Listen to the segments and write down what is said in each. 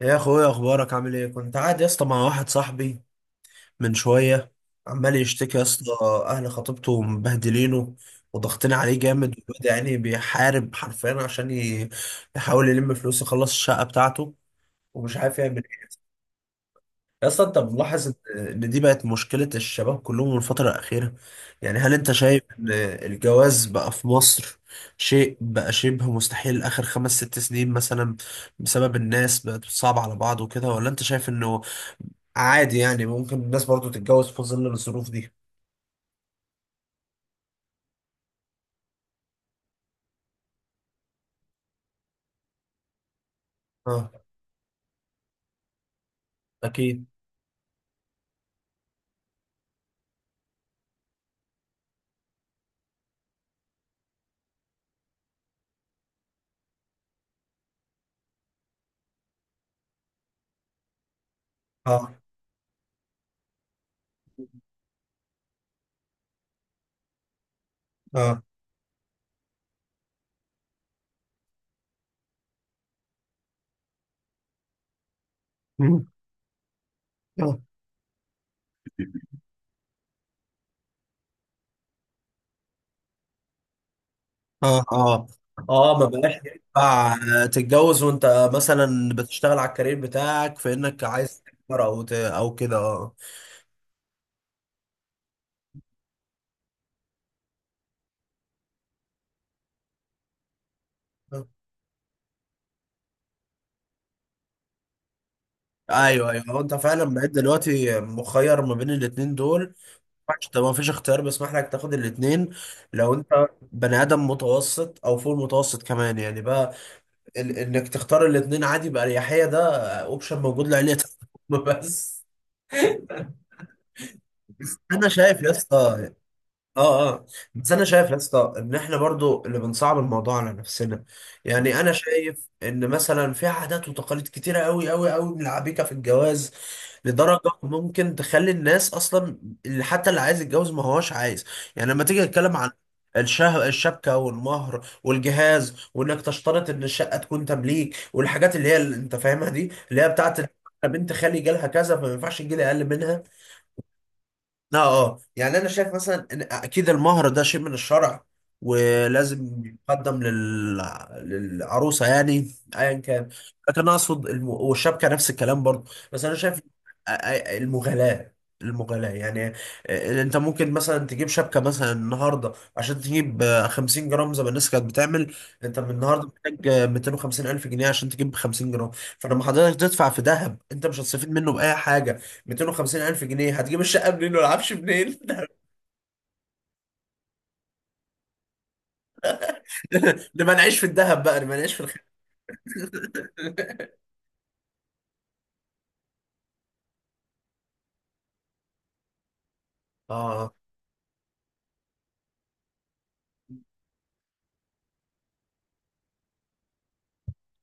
يا اخويا، اخبارك؟ عامل ايه؟ كنت قاعد يا اسطى مع واحد صاحبي من شويه، عمال يشتكي يا اسطى. اهل خطيبته مبهدلينه وضغطين عليه جامد، وبدا يعني بيحارب حرفيا عشان يحاول يلم فلوس يخلص الشقه بتاعته، ومش عارف يعمل ايه. يا اسطى، انت ملاحظ إن دي بقت مشكله الشباب كلهم الفتره الاخيره؟ يعني هل انت شايف ان الجواز بقى في مصر شيء بقى شبه مستحيل اخر خمس ست سنين مثلا، بسبب الناس بقت صعبة على بعض وكده، ولا انت شايف انه عادي يعني ممكن الناس برضو تتجوز في ظل الظروف دي؟ اه، اكيد. اه، اه. مم. اه، اه، اه، اه. ما بقاش ينفع تتجوز وانت مثلا بتشتغل على الكارير بتاعك، في انك عايز تكبر او او كده. اه. آه. ايوه، ايوه. هو انت فعلا بقيت دلوقتي مخير ما بين الاتنين دول؟ طب ما فيش اختيار بيسمح لك تاخد الاتنين؟ لو انت بني ادم متوسط او فوق المتوسط كمان يعني، بقى انك تختار الاتنين عادي بأريحية، ده اوبشن موجود لعيلتك. بس انا شايف يا اسطى، اه، اه، بس انا شايف يا اسطى ان احنا برضو اللي بنصعب الموضوع على نفسنا. يعني انا شايف ان مثلا في عادات وتقاليد كتيره قوي قوي قوي من العبيكه في الجواز، لدرجه ممكن تخلي الناس اصلا، اللي حتى اللي عايز يتجوز ما هوش عايز. يعني لما تيجي تتكلم عن الشبكه والمهر والجهاز، وانك تشترط ان الشقه تكون تمليك، والحاجات اللي هي اللي انت فاهمها دي، اللي هي بتاعت بنت خالي جالها كذا فما ينفعش تجيلي اقل منها. اه. اه، يعني انا شايف مثلا ان اكيد المهر ده شيء من الشرع، ولازم يقدم للعروسه يعني، ايا كان. لكن انا اقصد والشبكه نفس الكلام برضه، بس انا شايف المغالاه. يعني، انت ممكن مثلا تجيب شبكه مثلا النهارده عشان تجيب 50 جرام زي ما الناس كانت بتعمل. انت من النهارده محتاج 250 الف جنيه عشان تجيب 50 جرام. فلما حضرتك تدفع في ذهب انت مش هتستفيد منه باي حاجه. 250 الف جنيه هتجيب الشقه منين والعفش منين؟ نبقى نعيش في الذهب بقى، نبقى نعيش في اه،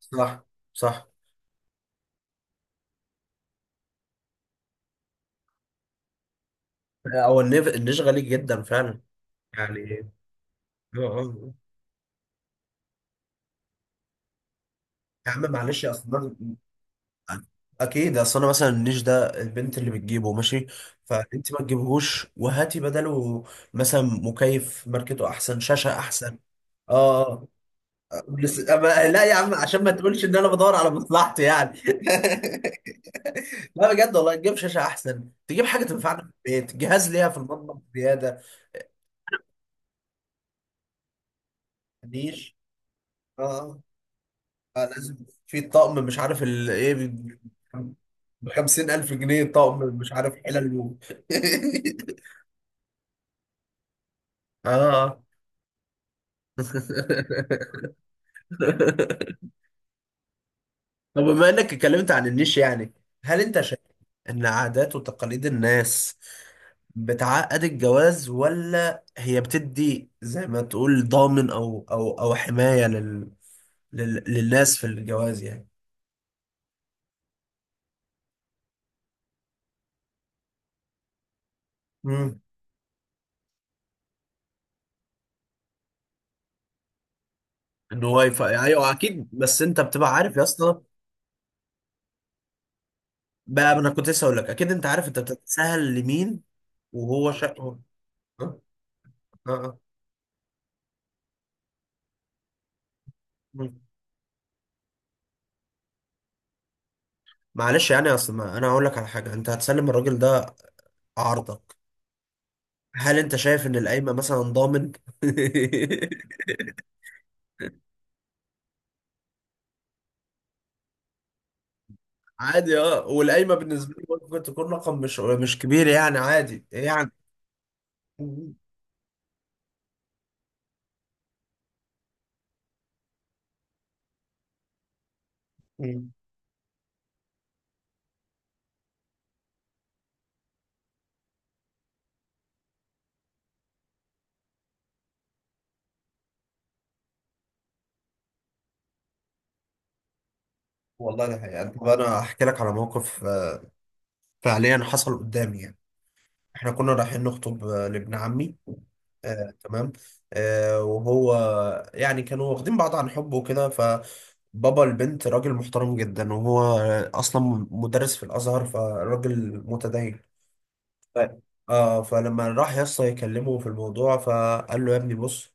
صح، صح. هو النيش غالي جدا فعلا يعني. اه. آه. يا عم معلش اصل اكيد، اصل انا مثلا النيش ده البنت اللي بتجيبه ماشي، فانت ما تجيبهوش وهاتي بداله مثلا مكيف ماركته احسن، شاشه احسن. اه. آه. بس أما لا يا عم، عشان ما تقولش ان انا بدور على مصلحتي يعني. لا بجد والله، تجيب شاشه احسن، تجيب حاجه تنفعنا في البيت، جهاز ليها في المطبخ زياده. نيش. اه. لازم في طقم مش عارف ايه، ب 50000 جنيه، طقم مش عارف حلل اه. طب بما انك اتكلمت عن النيش، يعني هل انت شايف ان عادات وتقاليد الناس بتعقد الجواز، ولا هي بتدي زي ما تقول ضامن او او او حماية للناس في الجواز يعني؟ امم. ان هو ايوه اكيد، بس انت بتبقى عارف يا اسطى. بقى انا كنت لسه اقول لك، اكيد انت عارف انت بتتسهل لمين. وهو شق. اه. اه. آه. مم. معلش يعني، اصل ما انا هقول لك على حاجه. انت هتسلم الراجل ده عارضه، هل انت شايف ان القايمه مثلا ضامن؟ عادي. اه. والقايمه بالنسبه لي ممكن تكون رقم مش مش كبير يعني، عادي يعني. مم. والله ده حقيقة. طب انا احكي لك على موقف، فعليا حصل قدامي يعني. احنا كنا رايحين نخطب لابن عمي. آه، تمام. آه، وهو يعني كانوا واخدين بعض عن حب وكده، فبابا البنت راجل محترم جدا، وهو اصلا مدرس في الازهر، فراجل متدين. ف... اه. فلما راح يا اسطى يكلمه في الموضوع، فقال له: يا ابني بص،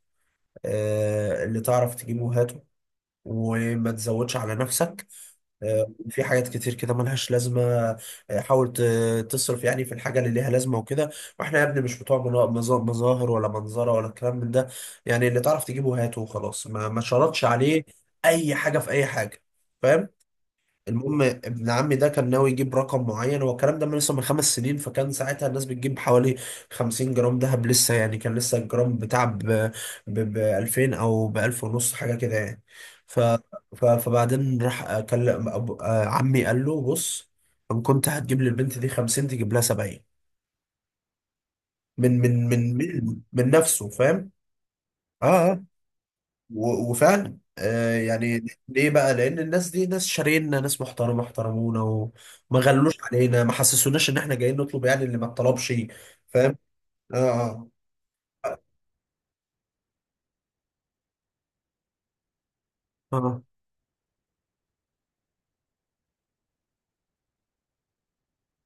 آه، اللي تعرف تجيبه هاته وما تزودش على نفسك. آه، في حاجات كتير كده ملهاش لازمة. آه، حاول تصرف يعني في الحاجة اللي ليها لازمة وكده. واحنا يا ابني مش بتوع مظاهر ولا منظرة ولا الكلام من ده. يعني اللي تعرف تجيبه هاته وخلاص، ما شرطش عليه أي حاجة في أي حاجة. فاهم؟ المهم ابن عمي ده كان ناوي يجيب رقم معين. هو الكلام ده من لسه من خمس سنين، فكان ساعتها الناس بتجيب حوالي 50 جرام دهب لسه يعني، كان لسه الجرام بتاع ب 2000 او ب 1000 ونص حاجه كده يعني. ف فبعدين راح كلم عمي، قال له: بص، ان كنت هتجيب للبنت دي 50 تجيب لها 70. من نفسه فاهم. اه. آه. وفعلا آه يعني، ليه بقى؟ لأن الناس دي ناس شارينا، ناس محترمة احترمونا، وما غلوش علينا، ما حسسوناش إن إحنا جايين نطلب يعني اللي ما اتطلبش. فاهم؟ آه، آه. آه،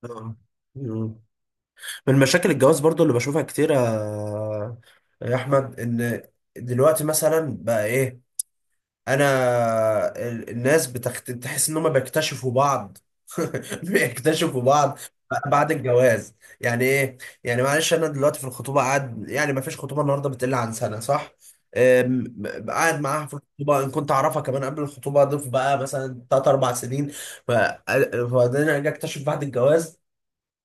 آه. مم. من مشاكل الجواز برضو اللي بشوفها كتير يا أحمد، إن دلوقتي مثلا بقى إيه؟ انا الناس تحس ان هم بيكتشفوا بعض. بيكتشفوا بعض بعد الجواز. يعني ايه؟ يعني معلش انا دلوقتي في الخطوبه قاعد يعني، ما فيش خطوبه النهارده بتقل عن سنه، صح؟ أم، قاعد معاها في الخطوبه، ان كنت اعرفها كمان قبل الخطوبه اضيف بقى مثلا ثلاث اربع سنين. ف- وبعدين اجي اكتشف بعد الجواز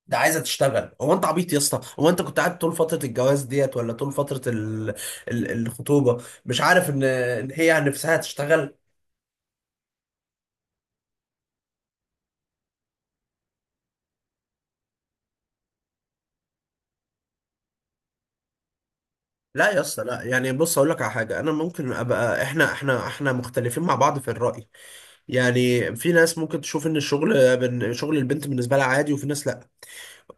ده عايزه تشتغل. هو انت عبيط يا اسطى؟ هو انت كنت قاعد طول فتره الجواز ديت ولا طول فتره الخطوبه، مش عارف ان هي عن نفسها تشتغل؟ لا يا اسطى لا، يعني بص اقول لك على حاجه، انا ممكن ابقى احنا مختلفين مع بعض في الراي. يعني في ناس ممكن تشوف ان الشغل شغل البنت بالنسبه لها عادي، وفي ناس لا.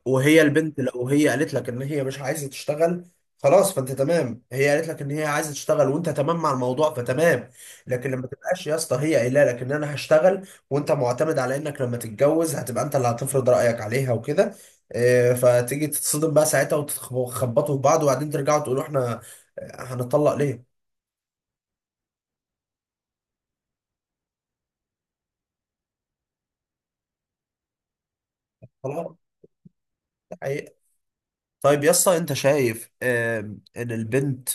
وهي البنت لو هي قالت لك ان هي مش عايزه تشتغل خلاص، فانت تمام. هي قالت لك ان هي عايزه تشتغل وانت تمام مع الموضوع، فتمام. لكن لما تبقاش يا اسطى هي قايله لك ان انا هشتغل، وانت معتمد على انك لما تتجوز هتبقى انت اللي هتفرض رايك عليها وكده، فتيجي تتصدم بقى ساعتها وتخبطوا في بعض، وبعدين ترجعوا تقولوا احنا هنطلق ليه؟ خلاص. ده حقيقة. طيب يا اسطى، انت شايف ان البنت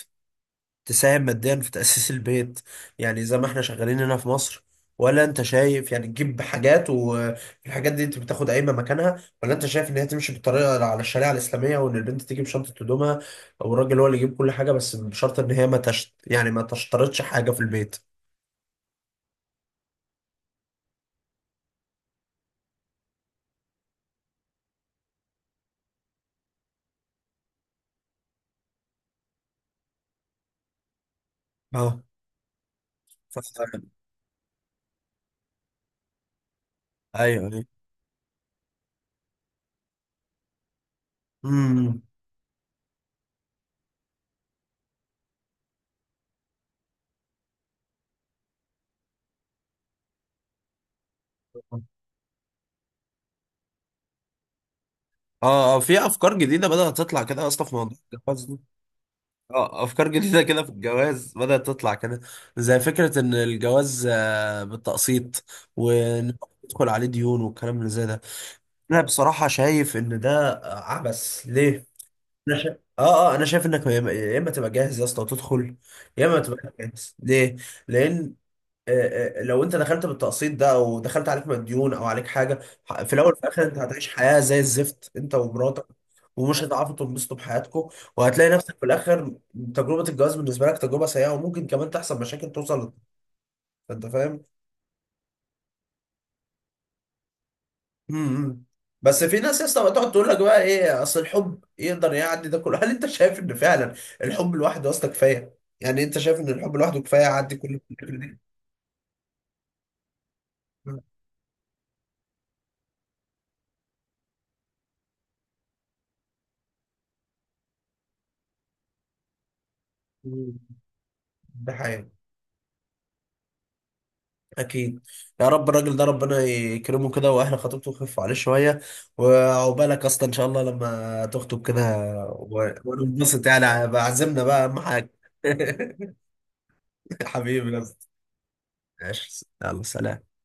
تساهم ماديا في تأسيس البيت، يعني زي ما احنا شغالين هنا في مصر؟ ولا انت شايف يعني تجيب حاجات والحاجات دي انت بتاخد قايمة مكانها؟ ولا انت شايف ان هي تمشي بالطريقة على الشريعة الإسلامية، وان البنت تجيب شنطة هدومها او الراجل هو اللي يجيب كل حاجة، بس بشرط ان هي ما تشت يعني ما تشترطش حاجة في البيت؟ اه. ف... ايوه، ايوه. امم. اه، اه. في افكار جديده بدات تطلع كده اصلا في موضوع الجواز. اه، افكار جديده كده في الجواز بدات تطلع كده، زي فكره ان الجواز بالتقسيط، وندخل عليه ديون والكلام اللي زي ده. انا بصراحه شايف ان ده عبث. ليه؟ انا شايف، اه، اه، انا شايف انك يا اما يا إما تبقى جاهز يا اسطى وتدخل، يا اما تبقى جاهز ليه؟ لان لو انت دخلت بالتقسيط ده او دخلت عليك مديون او عليك حاجه، في الاول وفي الاخر انت هتعيش حياه زي الزفت انت ومراتك، ومش هتعرفوا تنبسطوا بحياتكم، وهتلاقي نفسك في الاخر تجربه الجواز بالنسبه لك تجربه سيئه، وممكن كمان تحصل مشاكل توصل. انت فاهم؟ امم. امم. بس في ناس يا اسطى بتقعد تقول لك بقى ايه، اصل الحب يقدر يعدي ده كله. هل انت شايف ان فعلا الحب لوحده اصلا كفايه؟ يعني انت شايف ان الحب لوحده كفايه يعدي كل الفكره دي؟ مم. ده حقيقي. اكيد. يا رب الراجل ده ربنا يكرمه كده، واهل خطيبته يخفوا عليه شويه، وعقبالك اصلا ان شاء الله لما تخطب كده، وننبسط يعني بعزمنا بقى اهم حاجه. حبيبي يا اسطى. ماشي. يلا، سلام.